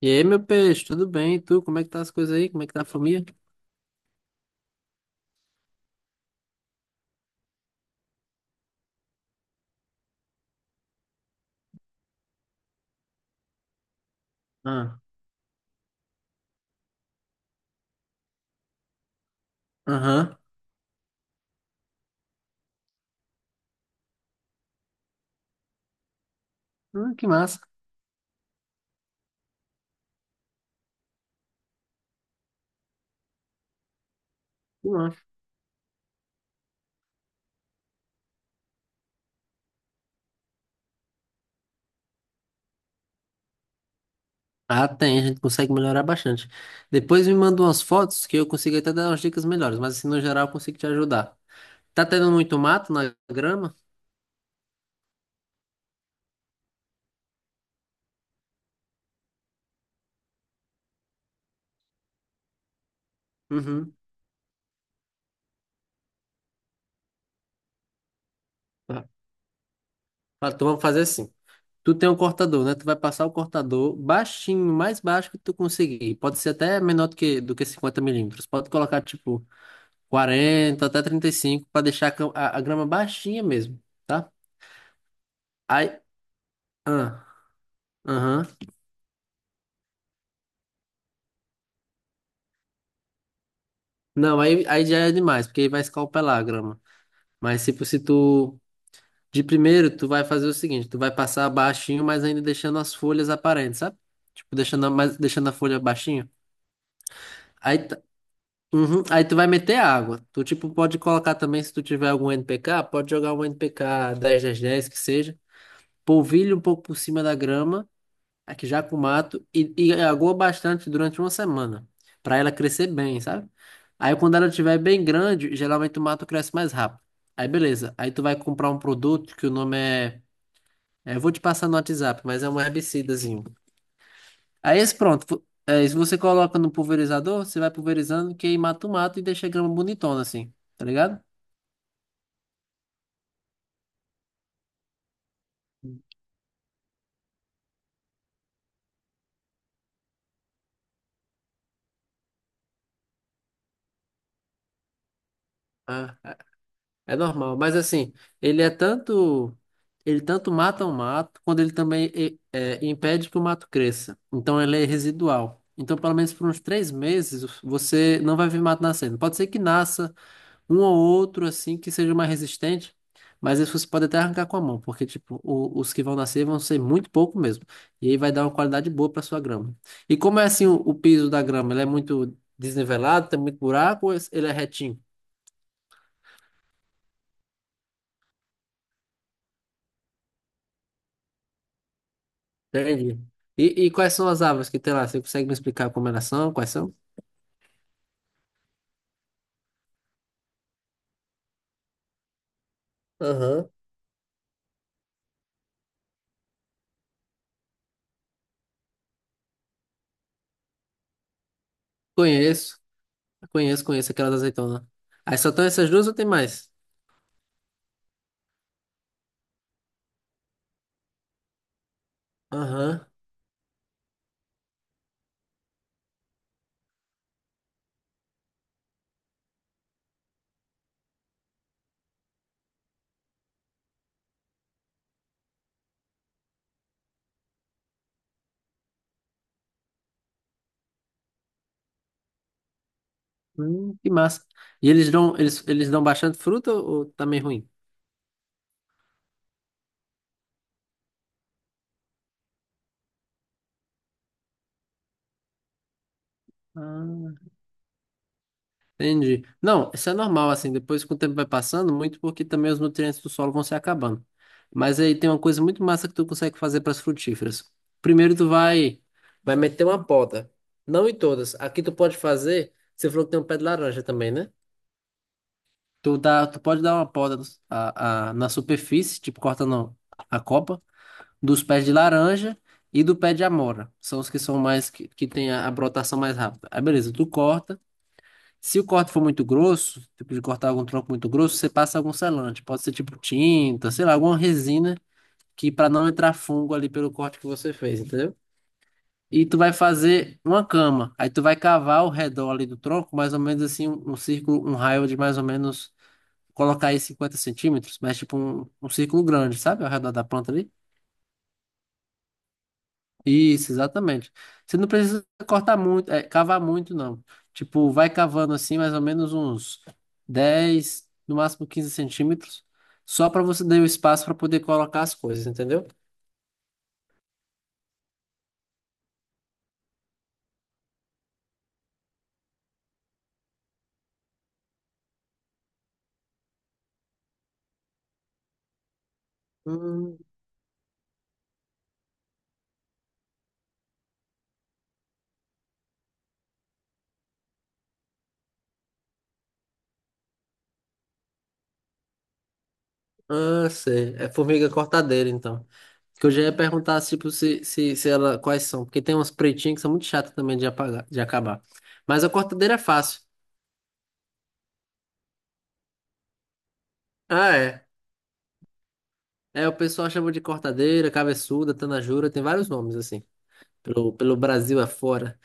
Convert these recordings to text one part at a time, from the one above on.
E aí, meu peixe, tudo bem? E tu, como é que tá as coisas aí? Como é que tá a família? Ah, aham. Ah, que massa, que massa. Ah, tem, a gente consegue melhorar bastante. Depois me manda umas fotos que eu consigo até dar umas dicas melhores, mas assim, no geral, eu consigo te ajudar. Tá tendo muito mato na grama? Uhum. Tá. Ah, então vamos fazer assim. Tu tem um cortador, né? Tu vai passar o cortador baixinho, mais baixo que tu conseguir. Pode ser até menor do que 50 mm. Pode colocar, tipo, 40 até 35 para deixar a a grama baixinha mesmo. Tá? Aí, ah, aham. Não, aí já é demais, porque aí vai escalpelar a grama. Mas tipo, se tu, de primeiro, tu vai fazer o seguinte, tu vai passar baixinho, mas ainda deixando as folhas aparentes, sabe? Tipo, mas deixando a folha baixinho. Aí, tá- uhum, aí tu vai meter água. Tu, tipo, pode colocar também, se tu tiver algum NPK, pode jogar um NPK 10 10, 10 que seja. Polvilha um pouco por cima da grama aqui já com mato e agua bastante durante uma semana, para ela crescer bem, sabe? Aí quando ela estiver bem grande, geralmente o mato cresce mais rápido. Aí beleza, aí tu vai comprar um produto que o nome eu vou te passar no WhatsApp, mas é um herbicidazinho. Aí esse pronto, se você coloca no pulverizador, você vai pulverizando que aí mata o mato e deixa a grama bonitona assim, tá ligado? Ah. É normal, mas assim, ele é tanto. Ele tanto mata o mato, quando ele também impede que o mato cresça. Então ele é residual. Então, pelo menos por uns 3 meses, você não vai ver mato nascendo. Pode ser que nasça um ou outro, assim, que seja mais resistente, mas isso você pode até arrancar com a mão, porque, tipo, os que vão nascer vão ser muito pouco mesmo. E aí vai dar uma qualidade boa para sua grama. E como é assim o piso da grama? Ele é muito desnivelado, tem muito buraco, ou ele é retinho? Entendi. E quais são as árvores que tem lá? Você consegue me explicar como elas são? Quais são? Aham. Conheço, conheço, conheço aquelas azeitonas. Aí só estão essas duas ou tem mais? Aham. Que massa. E eles dão bastante fruta ou também ruim? Ah. Entendi. Não, isso é normal, assim, depois que o tempo vai passando, muito porque também os nutrientes do solo vão se acabando. Mas aí tem uma coisa muito massa que tu consegue fazer para as frutíferas. Primeiro tu vai meter uma poda. Não em todas. Aqui tu pode fazer, você falou que tem um pé de laranja também, né? Tu pode dar uma poda na superfície, tipo cortando a copa, dos pés de laranja e do pé de amora. São os que são mais, que tem a brotação mais rápida. Aí beleza, tu corta. Se o corte for muito grosso, tipo de cortar algum tronco muito grosso, você passa algum selante. Pode ser tipo tinta, sei lá, alguma resina que para não entrar fungo ali pelo corte que você fez, entendeu? E tu vai fazer uma cama. Aí tu vai cavar ao redor ali do tronco, mais ou menos assim, um círculo, um raio de mais ou menos, colocar aí 50 cm, mas tipo um círculo grande, sabe? Ao redor da planta ali. Isso, exatamente. Você não precisa cortar muito, cavar muito, não. Tipo, vai cavando assim, mais ou menos uns 10 no máximo 15 cm, só para você dar o espaço para poder colocar as coisas, entendeu? Hum, ah, sei. É formiga cortadeira, então. Que eu já ia perguntar, tipo, se ela, quais são. Porque tem umas pretinhas que são muito chatas também de apagar, de acabar. Mas a cortadeira é fácil. Ah, é. É, o pessoal chama de cortadeira, cabeçuda, tanajura, tem vários nomes, assim. Pelo Brasil afora.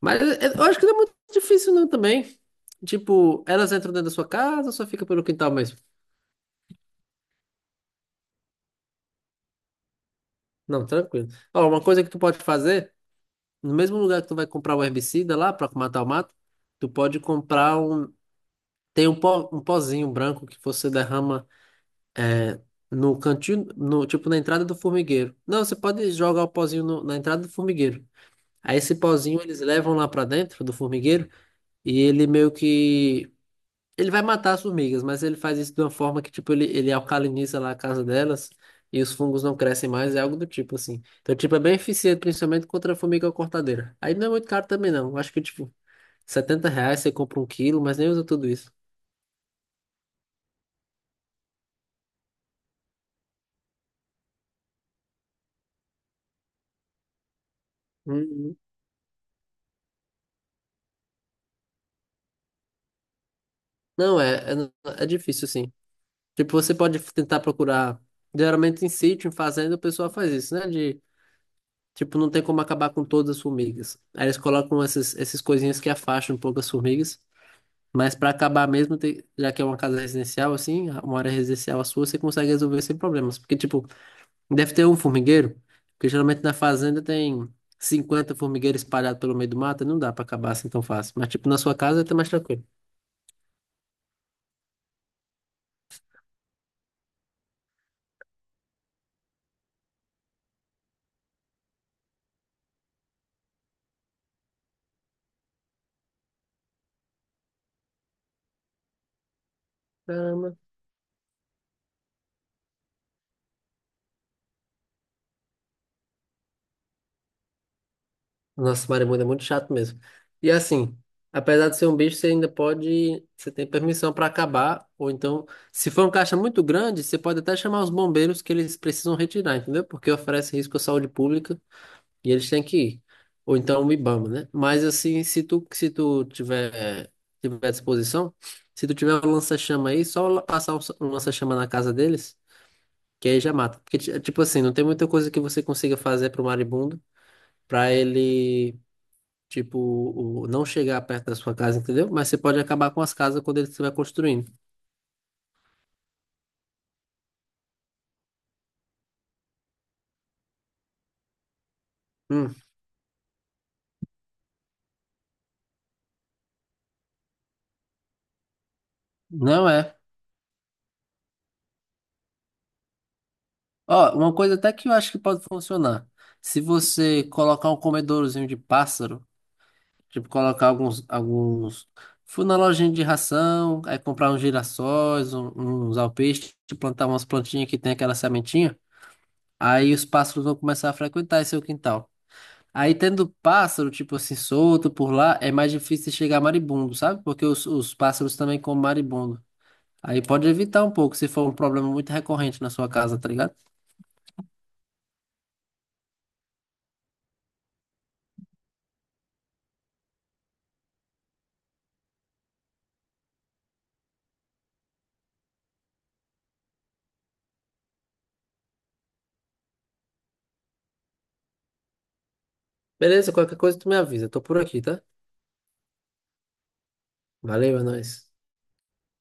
Mas eu acho que não é muito difícil não também. Tipo, elas entram dentro da sua casa ou só fica pelo quintal mesmo? Não, tranquilo. Ó, uma coisa que tu pode fazer, no mesmo lugar que tu vai comprar o herbicida lá pra matar o mato, tu pode comprar um. Tem um pó, um pozinho branco que você derrama, é, no cantinho, no, tipo, na entrada do formigueiro. Não, você pode jogar o pozinho na entrada do formigueiro. Aí esse pozinho eles levam lá pra dentro do formigueiro, e ele meio que Ele vai matar as formigas, mas ele faz isso de uma forma que, tipo, ele alcaliniza lá a casa delas e os fungos não crescem mais, é algo do tipo, assim. Então, tipo, é bem eficiente, principalmente contra a formiga cortadeira. Aí não é muito caro também, não. Acho que, tipo, R$ 70 você compra um quilo, mas nem usa tudo isso. Uhum. Não, é difícil, assim. Tipo, você pode tentar procurar, geralmente em sítio, em fazenda, o pessoal faz isso, né? Tipo, não tem como acabar com todas as formigas. Aí eles colocam essas coisinhas que afastam um pouco as formigas. Mas para acabar mesmo, já que é uma casa residencial, assim, uma área residencial a sua, você consegue resolver sem problemas. Porque, tipo, deve ter um formigueiro, porque geralmente na fazenda tem 50 formigueiros espalhados pelo meio do mato, não dá para acabar assim tão fácil. Mas, tipo, na sua casa tá mais tranquilo. Caramba. Nossa, marimbondo é muito chato mesmo. E assim, apesar de ser um bicho, você ainda pode, você tem permissão para acabar, ou então, se for um caixa muito grande, você pode até chamar os bombeiros que eles precisam retirar, entendeu? Porque oferece risco à saúde pública. E eles têm que ir. Ou então o IBAMA, né? Mas assim, se tu tiver disposição, se tu tiver um lança-chama aí, só passar um lança-chama na casa deles, que aí já mata. Porque, tipo assim, não tem muita coisa que você consiga fazer pro marimbondo pra ele, tipo, não chegar perto da sua casa, entendeu? Mas você pode acabar com as casas quando ele estiver construindo. Hum, não é. Ó, uma coisa até que eu acho que pode funcionar. Se você colocar um comedourozinho de pássaro, tipo, colocar alguns. Fui na lojinha de ração, aí comprar uns girassóis, uns alpistes, plantar umas plantinhas que tem aquela sementinha. Aí os pássaros vão começar a frequentar esse seu quintal. Aí tendo pássaro, tipo assim, solto por lá, é mais difícil de chegar maribundo, sabe? Porque os pássaros também comem maribundo. Aí pode evitar um pouco, se for um problema muito recorrente na sua casa, tá ligado? Beleza, qualquer coisa tu me avisa, eu tô por aqui, tá? Valeu, é nóis.